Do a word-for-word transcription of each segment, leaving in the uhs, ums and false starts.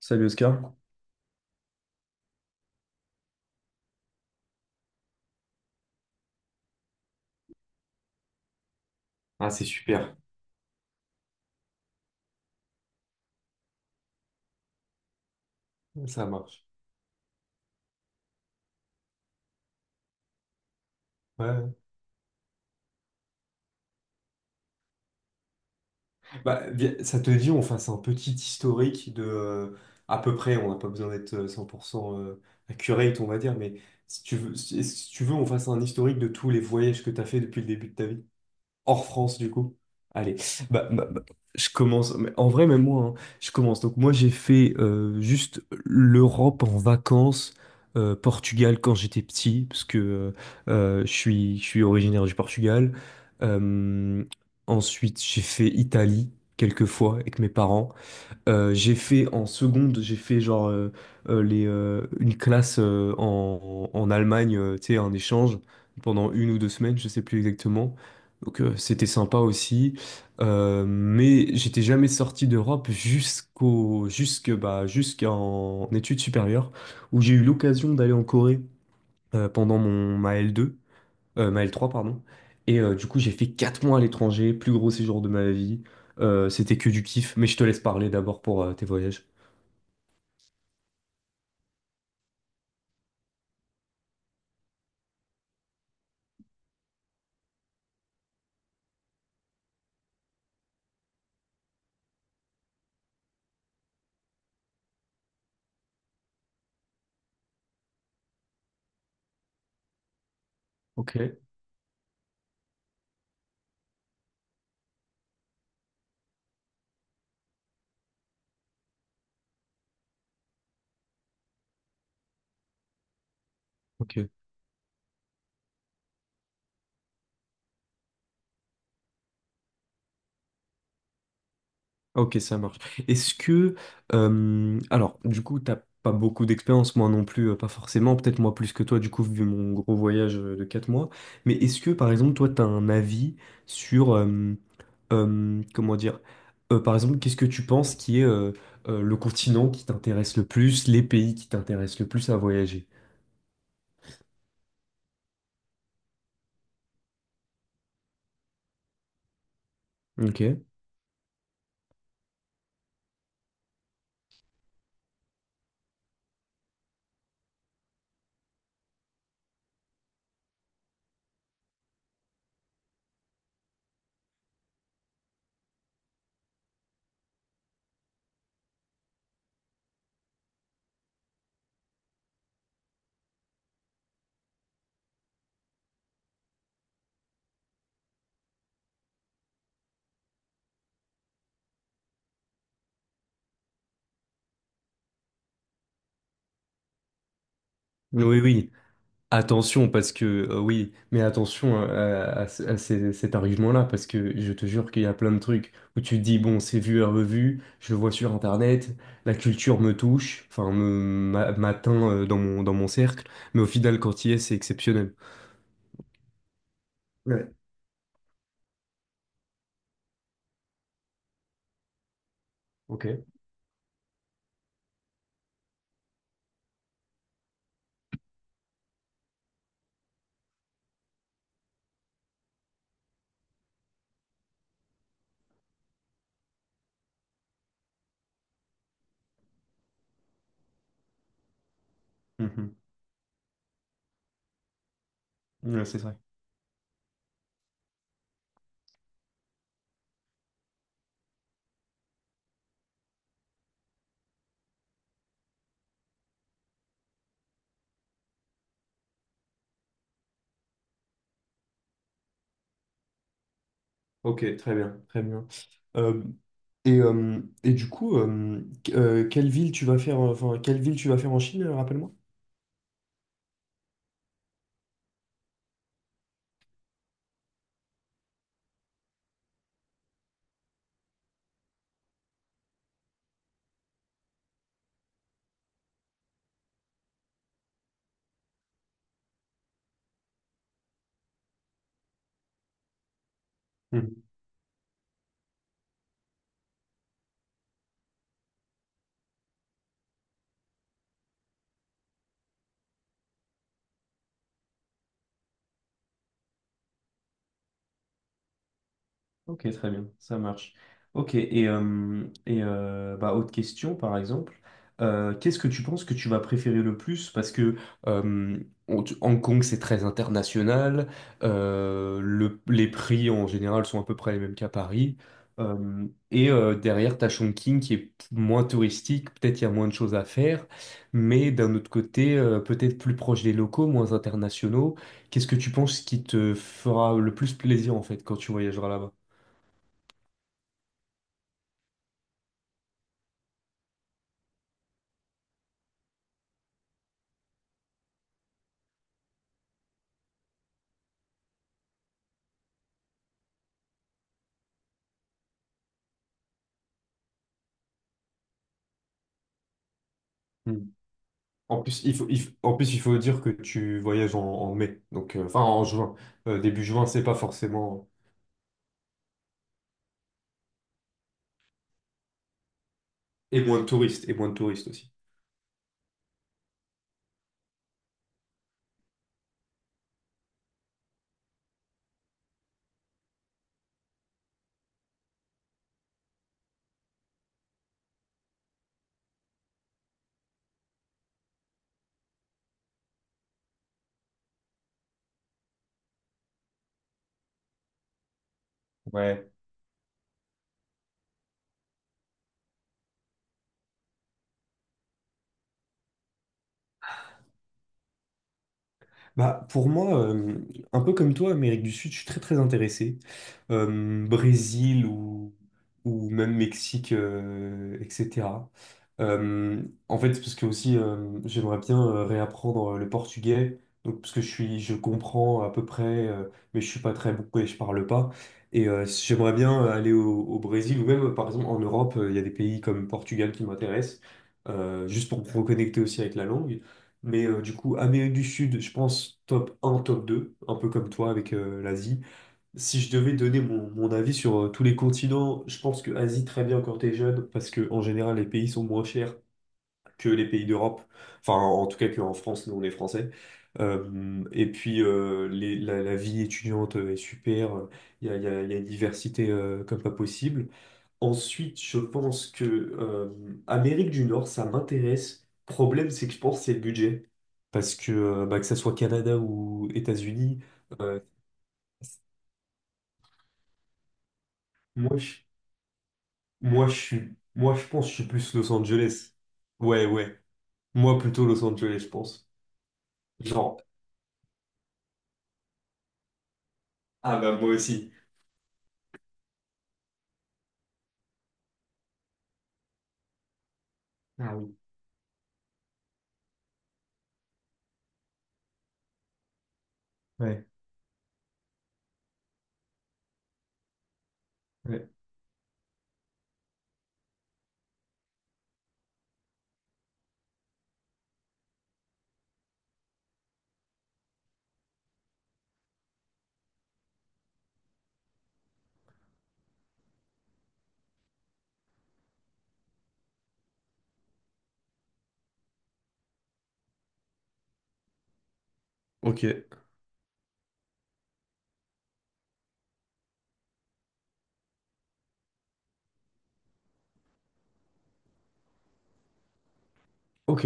Salut Oscar. Ah, c'est super, ça marche. Ouais. Bah, vi- ça te dit, on fasse un petit historique de euh, à peu près, on n'a pas besoin d'être euh, cent pour cent euh, accurate, on va dire, mais si tu veux, si, si tu veux, on fasse un historique de tous les voyages que tu as fait depuis le début de ta vie. Hors France, du coup. Allez, bah, bah, bah, je commence. Mais en vrai, même moi, hein, je commence. Donc, moi, j'ai fait euh, juste l'Europe en vacances, euh, Portugal quand j'étais petit, parce que euh, euh, je suis, je suis originaire du Portugal. Euh, Ensuite, j'ai fait Italie quelques fois avec mes parents. Euh, j'ai fait en seconde, j'ai fait genre euh, euh, les, euh, une classe euh, en, en Allemagne, euh, tu sais, un échange pendant une ou deux semaines, je sais plus exactement. Donc euh, c'était sympa aussi. Euh, mais j'étais jamais sorti d'Europe jusqu'au, jusque, bah, jusqu'en études supérieures, où j'ai eu l'occasion d'aller en Corée euh, pendant mon, ma L deux. Euh, ma l trois pardon. Et euh, du coup, j'ai fait quatre mois à l'étranger, plus gros séjour de ma vie. Euh, c'était que du kiff, mais je te laisse parler d'abord pour euh, tes voyages. Ok, ok. Ok, ça marche. Est-ce que... euh, alors, du coup, t'as pas beaucoup d'expérience, moi non plus, euh, pas forcément, peut-être moi plus que toi, du coup, vu mon gros voyage euh, de quatre mois. Mais est-ce que, par exemple, toi, t'as un avis sur... euh, euh, comment dire? Euh, par exemple, qu'est-ce que tu penses qui est euh, euh, le continent qui t'intéresse le plus, les pays qui t'intéressent le plus à voyager? Ok. Oui, oui. Attention, parce que euh, oui, mais attention à, à à ce- à ces- cet argument-là, parce que je te jure qu'il y a plein de trucs où tu te dis, bon, c'est vu et revu, je le vois sur Internet, la culture me touche, enfin, me m'a- m'atteint euh, dans mon, dans mon cercle, mais au final, quand il y est, c'est exceptionnel. Ouais, ok. Mhm. Ouais, c'est vrai. Ok, très bien, très bien. Euh, et, euh, et du coup, euh, qu- euh, quelle ville tu vas faire, euh, enfin, quelle ville tu vas faire en Chine, euh, rappelle-moi? Ok, très bien, ça marche. Ok, et, euh, et euh, bah, autre question, par exemple, Euh, qu'est-ce que tu penses que tu vas préférer le plus? Parce que euh, on- tu- Hong Kong, c'est très international, euh, le- les prix en général sont à peu près les mêmes qu'à Paris. Euh, et euh, Derrière, t'as Chongqing qui est moins touristique, peut-être il y a moins de choses à faire, mais d'un autre côté, euh, peut-être plus proche des locaux, moins internationaux. Qu'est-ce que tu penses qui te fera le plus plaisir en fait quand tu voyageras là-bas? Hmm. En plus, il faut, il faut- en plus, il faut dire que tu voyages en, en mai, donc euh, enfin en juin. Euh, début juin, c'est pas forcément. Et moins de touristes, et moins de touristes aussi. Ouais. Bah, pour moi, euh, un peu comme toi, Amérique du Sud, je suis très très intéressé. Euh, Brésil ou, ou même Mexique, euh, et cætera. Euh, En fait, parce que aussi, euh, j'aimerais bien euh, réapprendre le portugais. Donc, parce que je suis, je comprends à peu près, euh, mais je suis pas très bon et je parle pas. Et euh, j'aimerais bien aller au, au Brésil ou même, par exemple, en Europe, euh, il y a des pays comme Portugal qui m'intéressent, euh, juste pour me reconnecter aussi avec la langue. Mais euh, du coup, Amérique du Sud, je pense top un top deux un peu comme toi avec euh, l'Asie. Si je devais donner mon, mon avis sur euh, tous les continents, je pense que Asie très bien quand t'es jeune, parce que en général les pays sont moins chers que les pays d'Europe. Enfin, en tout cas qu'en France, nous on est français. Euh, et puis euh, les- la, la vie étudiante euh, est super, il y a, y a- y a une diversité euh, comme pas possible. Ensuite, je pense que euh, Amérique du Nord, ça m'intéresse. Problème, c'est que je pense que c'est le budget. Parce que, euh, bah, que ça soit Canada ou États-Unis, euh, moi, je, moi, je suis, moi, je pense que je suis plus Los Angeles. Ouais, ouais. Moi, plutôt Los Angeles, je pense. Genre, ah bah moi aussi. Ah oui. Ouais, ouais. Ok, ok,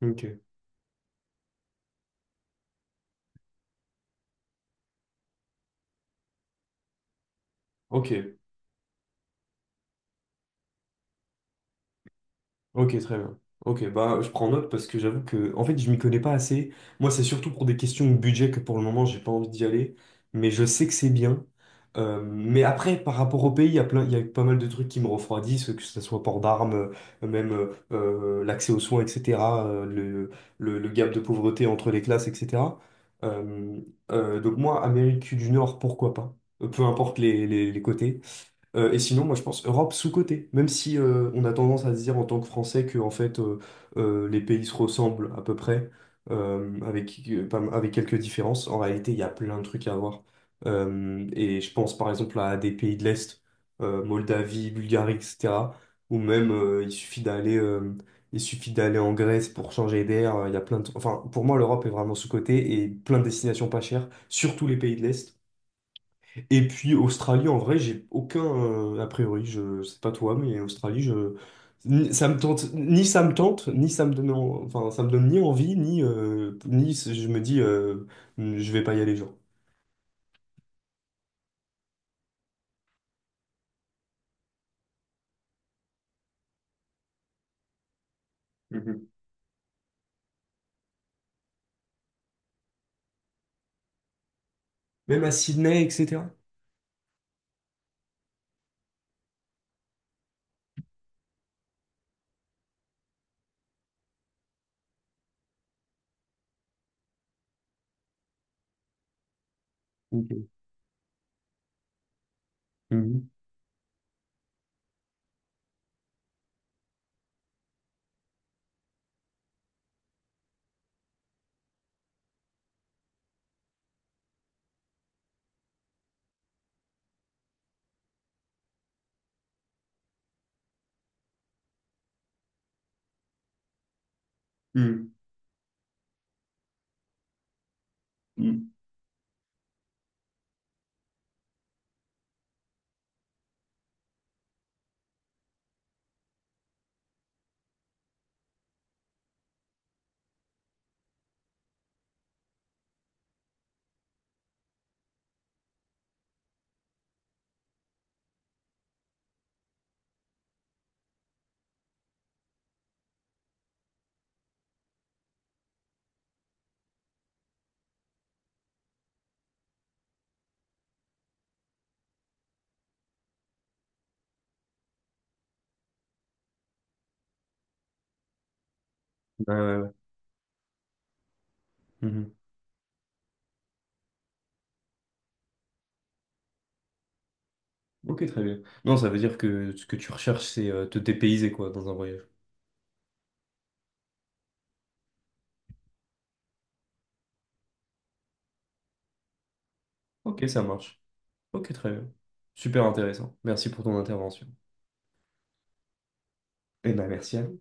ok, ok. Ok, très bien. Ok, bah je prends note parce que j'avoue que en fait je m'y connais pas assez. Moi, c'est surtout pour des questions de budget que pour le moment j'ai pas envie d'y aller, mais je sais que c'est bien. Euh, mais après, par rapport au pays, il y a plein, il y a pas mal de trucs qui me refroidissent, que ce soit port d'armes, euh, même euh, euh, l'accès aux soins, et cætera, euh, le, le, le gap de pauvreté entre les classes, et cætera. Euh, euh, donc moi, Amérique du Nord, pourquoi pas? Euh, Peu importe les, les les côtés. Euh, et sinon, moi, je pense Europe sous-cotée. Même si euh, on a tendance à se dire en tant que Français que en fait euh, euh, les pays se ressemblent à peu près, euh, avec, euh, pas- avec quelques différences, en réalité, il y a plein de trucs à voir. Euh, et je pense par exemple à des pays de l'Est, euh, Moldavie, Bulgarie, et cætera. Ou même euh, il suffit d'aller euh, il suffit d'aller en Grèce pour changer d'air. euh, Il y a plein de... Enfin, pour moi, l'Europe est vraiment sous-cotée et plein de destinations pas chères, surtout les pays de l'Est. Et puis Australie, en vrai, j'ai aucun euh, a priori. Je sais pas toi, mais Australie, je ni- ça me tente, ni ça me tente, ni ça me donne, en- enfin ça me donne ni envie, ni euh, ni c- je me dis euh, je vais pas y aller, genre. Mhm. Même à Sydney, et cætera. Ok. Mhm. Mhm. Mhm. Ouais, ouais, ouais. Mhm. Ok, très bien. Non, ça veut dire que ce que tu recherches, c'est euh, te dépayser, quoi, dans un voyage. Ok, ça marche. Ok, très bien. Super intéressant. Merci pour ton intervention. Eh ben, merci à toi.